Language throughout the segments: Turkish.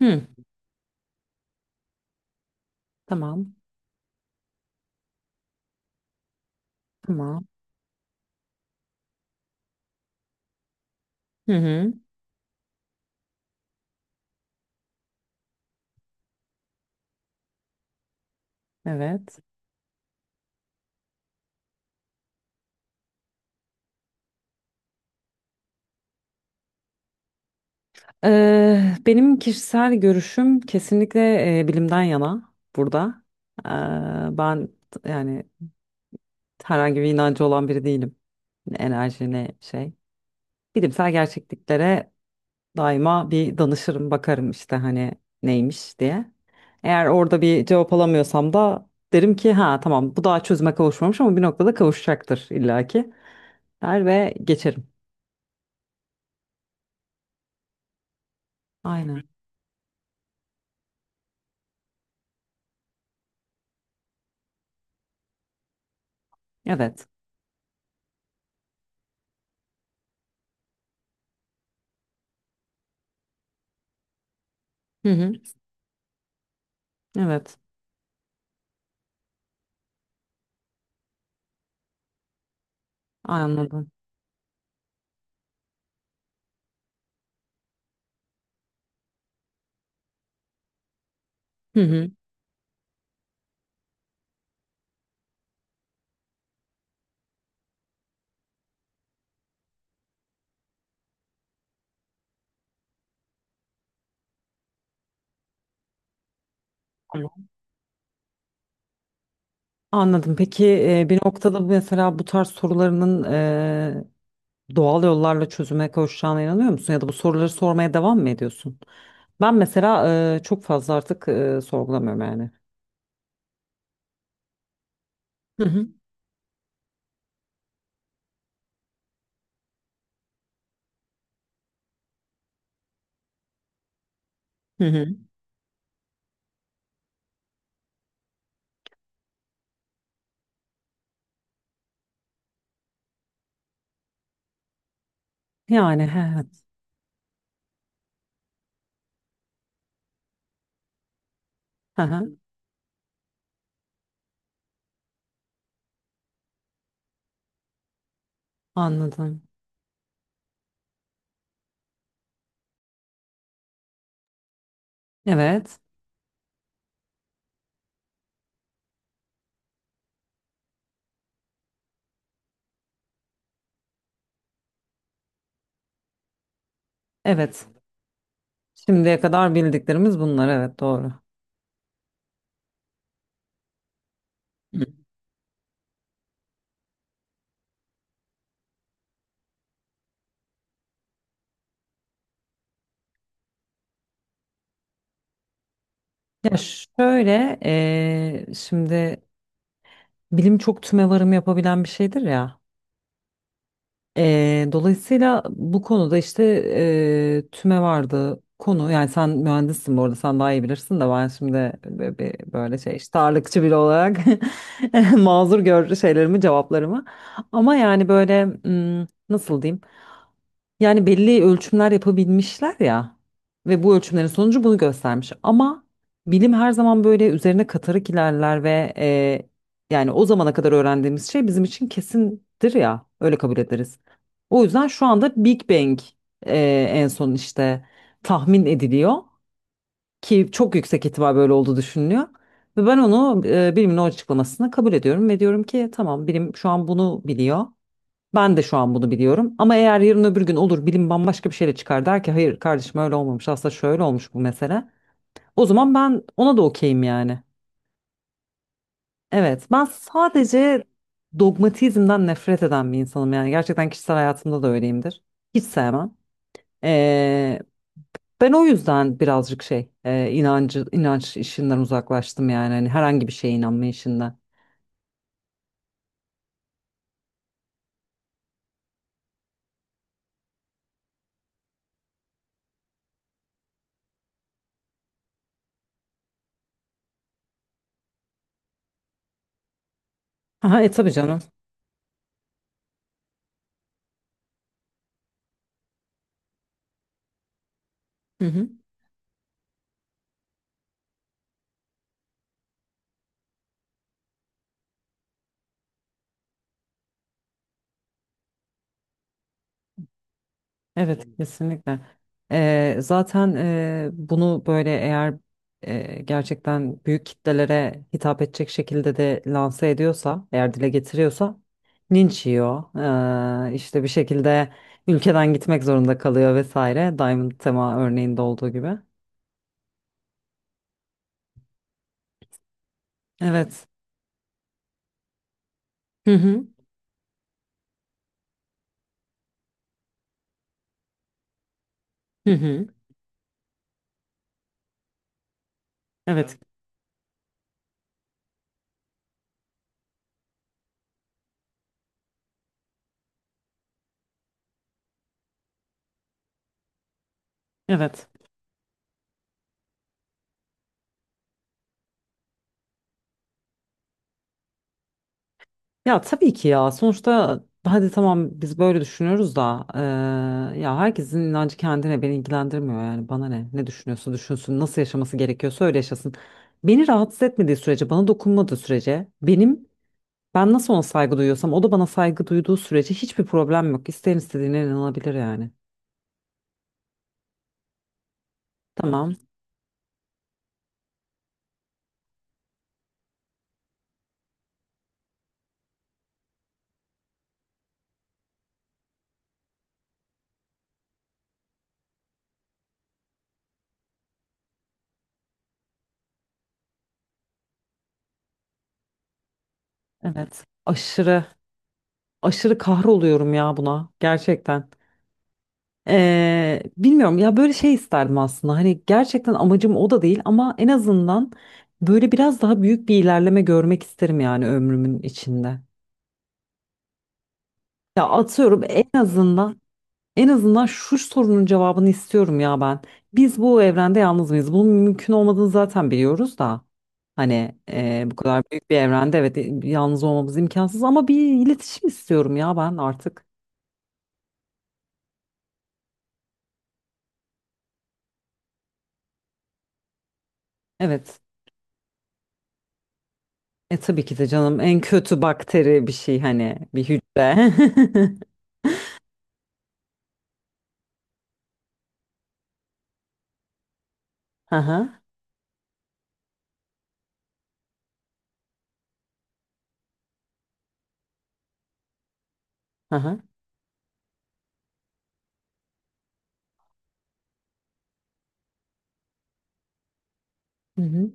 Hı, tamam, tamam. Hı hı, evet. Benim kişisel görüşüm kesinlikle bilimden yana burada. Yani herhangi bir inancı olan biri değilim. Ne enerji ne şey. Bilimsel gerçekliklere daima bir danışırım, bakarım işte hani neymiş diye. Eğer orada bir cevap alamıyorsam da derim ki ha tamam bu daha çözüme kavuşmamış ama bir noktada kavuşacaktır illaki der ve geçerim. Aynen. Evet. Hı hı. Evet, anladım. Hı hı. Tamam. Anladım. Peki bir noktada mesela bu tarz sorularının doğal yollarla çözüme kavuşacağına inanıyor musun? Ya da bu soruları sormaya devam mı ediyorsun? Ben mesela çok fazla artık sorgulamıyorum yani. Hı hı. Hı hı. Evet. Hı hı. Anladım. Evet. Evet. Şimdiye kadar bildiklerimiz bunlar. Evet doğru. Hı. Ya şöyle şimdi bilim çok tümevarım yapabilen bir şeydir ya. Dolayısıyla bu konuda işte tüme vardı konu yani sen mühendissin bu arada sen daha iyi bilirsin de ben şimdi böyle, böyle şey işte ağırlıkçı biri olarak mazur gör şeylerimi cevaplarımı ama yani böyle nasıl diyeyim yani belli ölçümler yapabilmişler ya ve bu ölçümlerin sonucu bunu göstermiş. Ama bilim her zaman böyle üzerine katarak ilerler ve yani o zamana kadar öğrendiğimiz şey bizim için kesindir ya öyle kabul ederiz. O yüzden şu anda Big Bang en son işte tahmin ediliyor ki çok yüksek ihtimal böyle olduğu düşünülüyor. Ve ben onu bilimin o açıklamasını kabul ediyorum ve diyorum ki tamam bilim şu an bunu biliyor. Ben de şu an bunu biliyorum. Ama eğer yarın öbür gün olur bilim bambaşka bir şeyle çıkar der ki hayır kardeşim öyle olmamış aslında şöyle olmuş bu mesele. O zaman ben ona da okeyim yani. Evet ben sadece dogmatizmden nefret eden bir insanım yani. Gerçekten kişisel hayatımda da öyleyimdir. Hiç sevmem. Ee, Ben o yüzden birazcık şey inancı inanç işinden uzaklaştım yani hani herhangi bir şeye inanma işinden. Aha, e tabii canım. Hı hı. Evet kesinlikle. Zaten bunu böyle eğer gerçekten büyük kitlelere hitap edecek şekilde de lanse ediyorsa, eğer dile getiriyorsa linç yiyor. İşte bir şekilde ülkeden gitmek zorunda kalıyor vesaire. Diamond Tema örneğinde olduğu gibi. Evet. Hı hı. Hı hı. Evet. Evet. Ya tabii ki ya sonuçta hadi tamam biz böyle düşünüyoruz da ya herkesin inancı kendine beni ilgilendirmiyor yani bana ne ne düşünüyorsa düşünsün nasıl yaşaması gerekiyorsa öyle yaşasın. Beni rahatsız etmediği sürece bana dokunmadığı sürece benim ben nasıl ona saygı duyuyorsam o da bana saygı duyduğu sürece hiçbir problem yok. İsteyen istediğine inanabilir yani. Tamam evet aşırı aşırı kahroluyorum ya buna gerçekten. Bilmiyorum ya böyle şey isterdim aslında hani gerçekten amacım o da değil ama en azından böyle biraz daha büyük bir ilerleme görmek isterim yani ömrümün içinde. Ya atıyorum en azından en azından şu sorunun cevabını istiyorum ya ben. Biz bu evrende yalnız mıyız? Bunun mümkün olmadığını zaten biliyoruz da hani bu kadar büyük bir evrende evet yalnız olmamız imkansız ama bir iletişim istiyorum ya ben artık. Evet. E tabii ki de canım en kötü bakteri bir şey hani bir hücre. Aha, aha. Hı hı.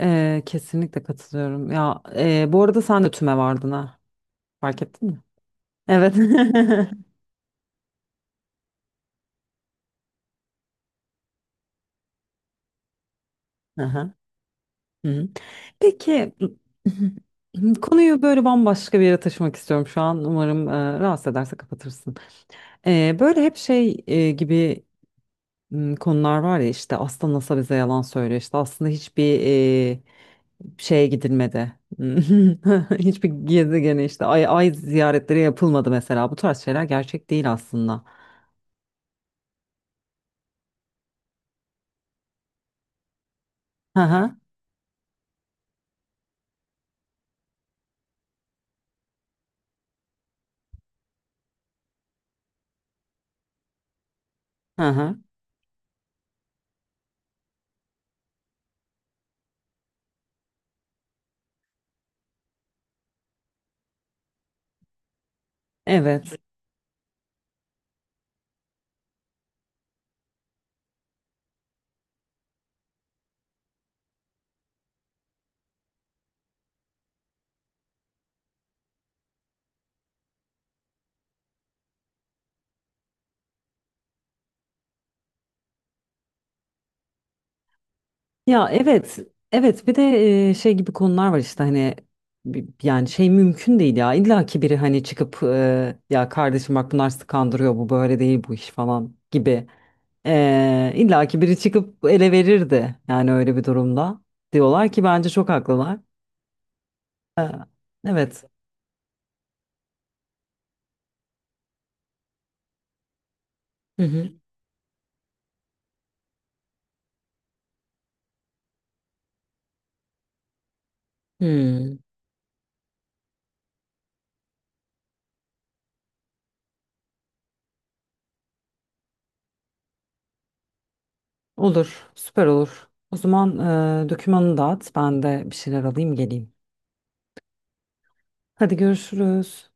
Kesinlikle katılıyorum. Ya e, bu arada sen de tüme vardın ha. Fark ettin mi? Evet. Aha. Hı hı. Peki konuyu böyle bambaşka bir yere taşımak istiyorum şu an. Umarım rahatsız ederse kapatırsın. Böyle hep şey gibi konular var ya işte aslında NASA bize yalan söylüyor. İşte aslında hiçbir e, şeye gidilmedi. Hiçbir gezegene işte ay ziyaretleri yapılmadı mesela. Bu tarz şeyler gerçek değil aslında. Hı hı. Hı hı. Evet. Ya evet. Evet bir de şey gibi konular var işte hani yani şey mümkün değil ya. İlla ki biri hani çıkıp ya kardeşim bak bunlar sizi kandırıyor bu böyle değil bu iş falan gibi. İlla ki biri çıkıp ele verirdi yani öyle bir durumda. Diyorlar ki bence çok haklılar. E, evet. Hı hı. Hmm. Olur, süper olur. O zaman dokümanını dağıt, ben de bir şeyler alayım geleyim. Hadi görüşürüz.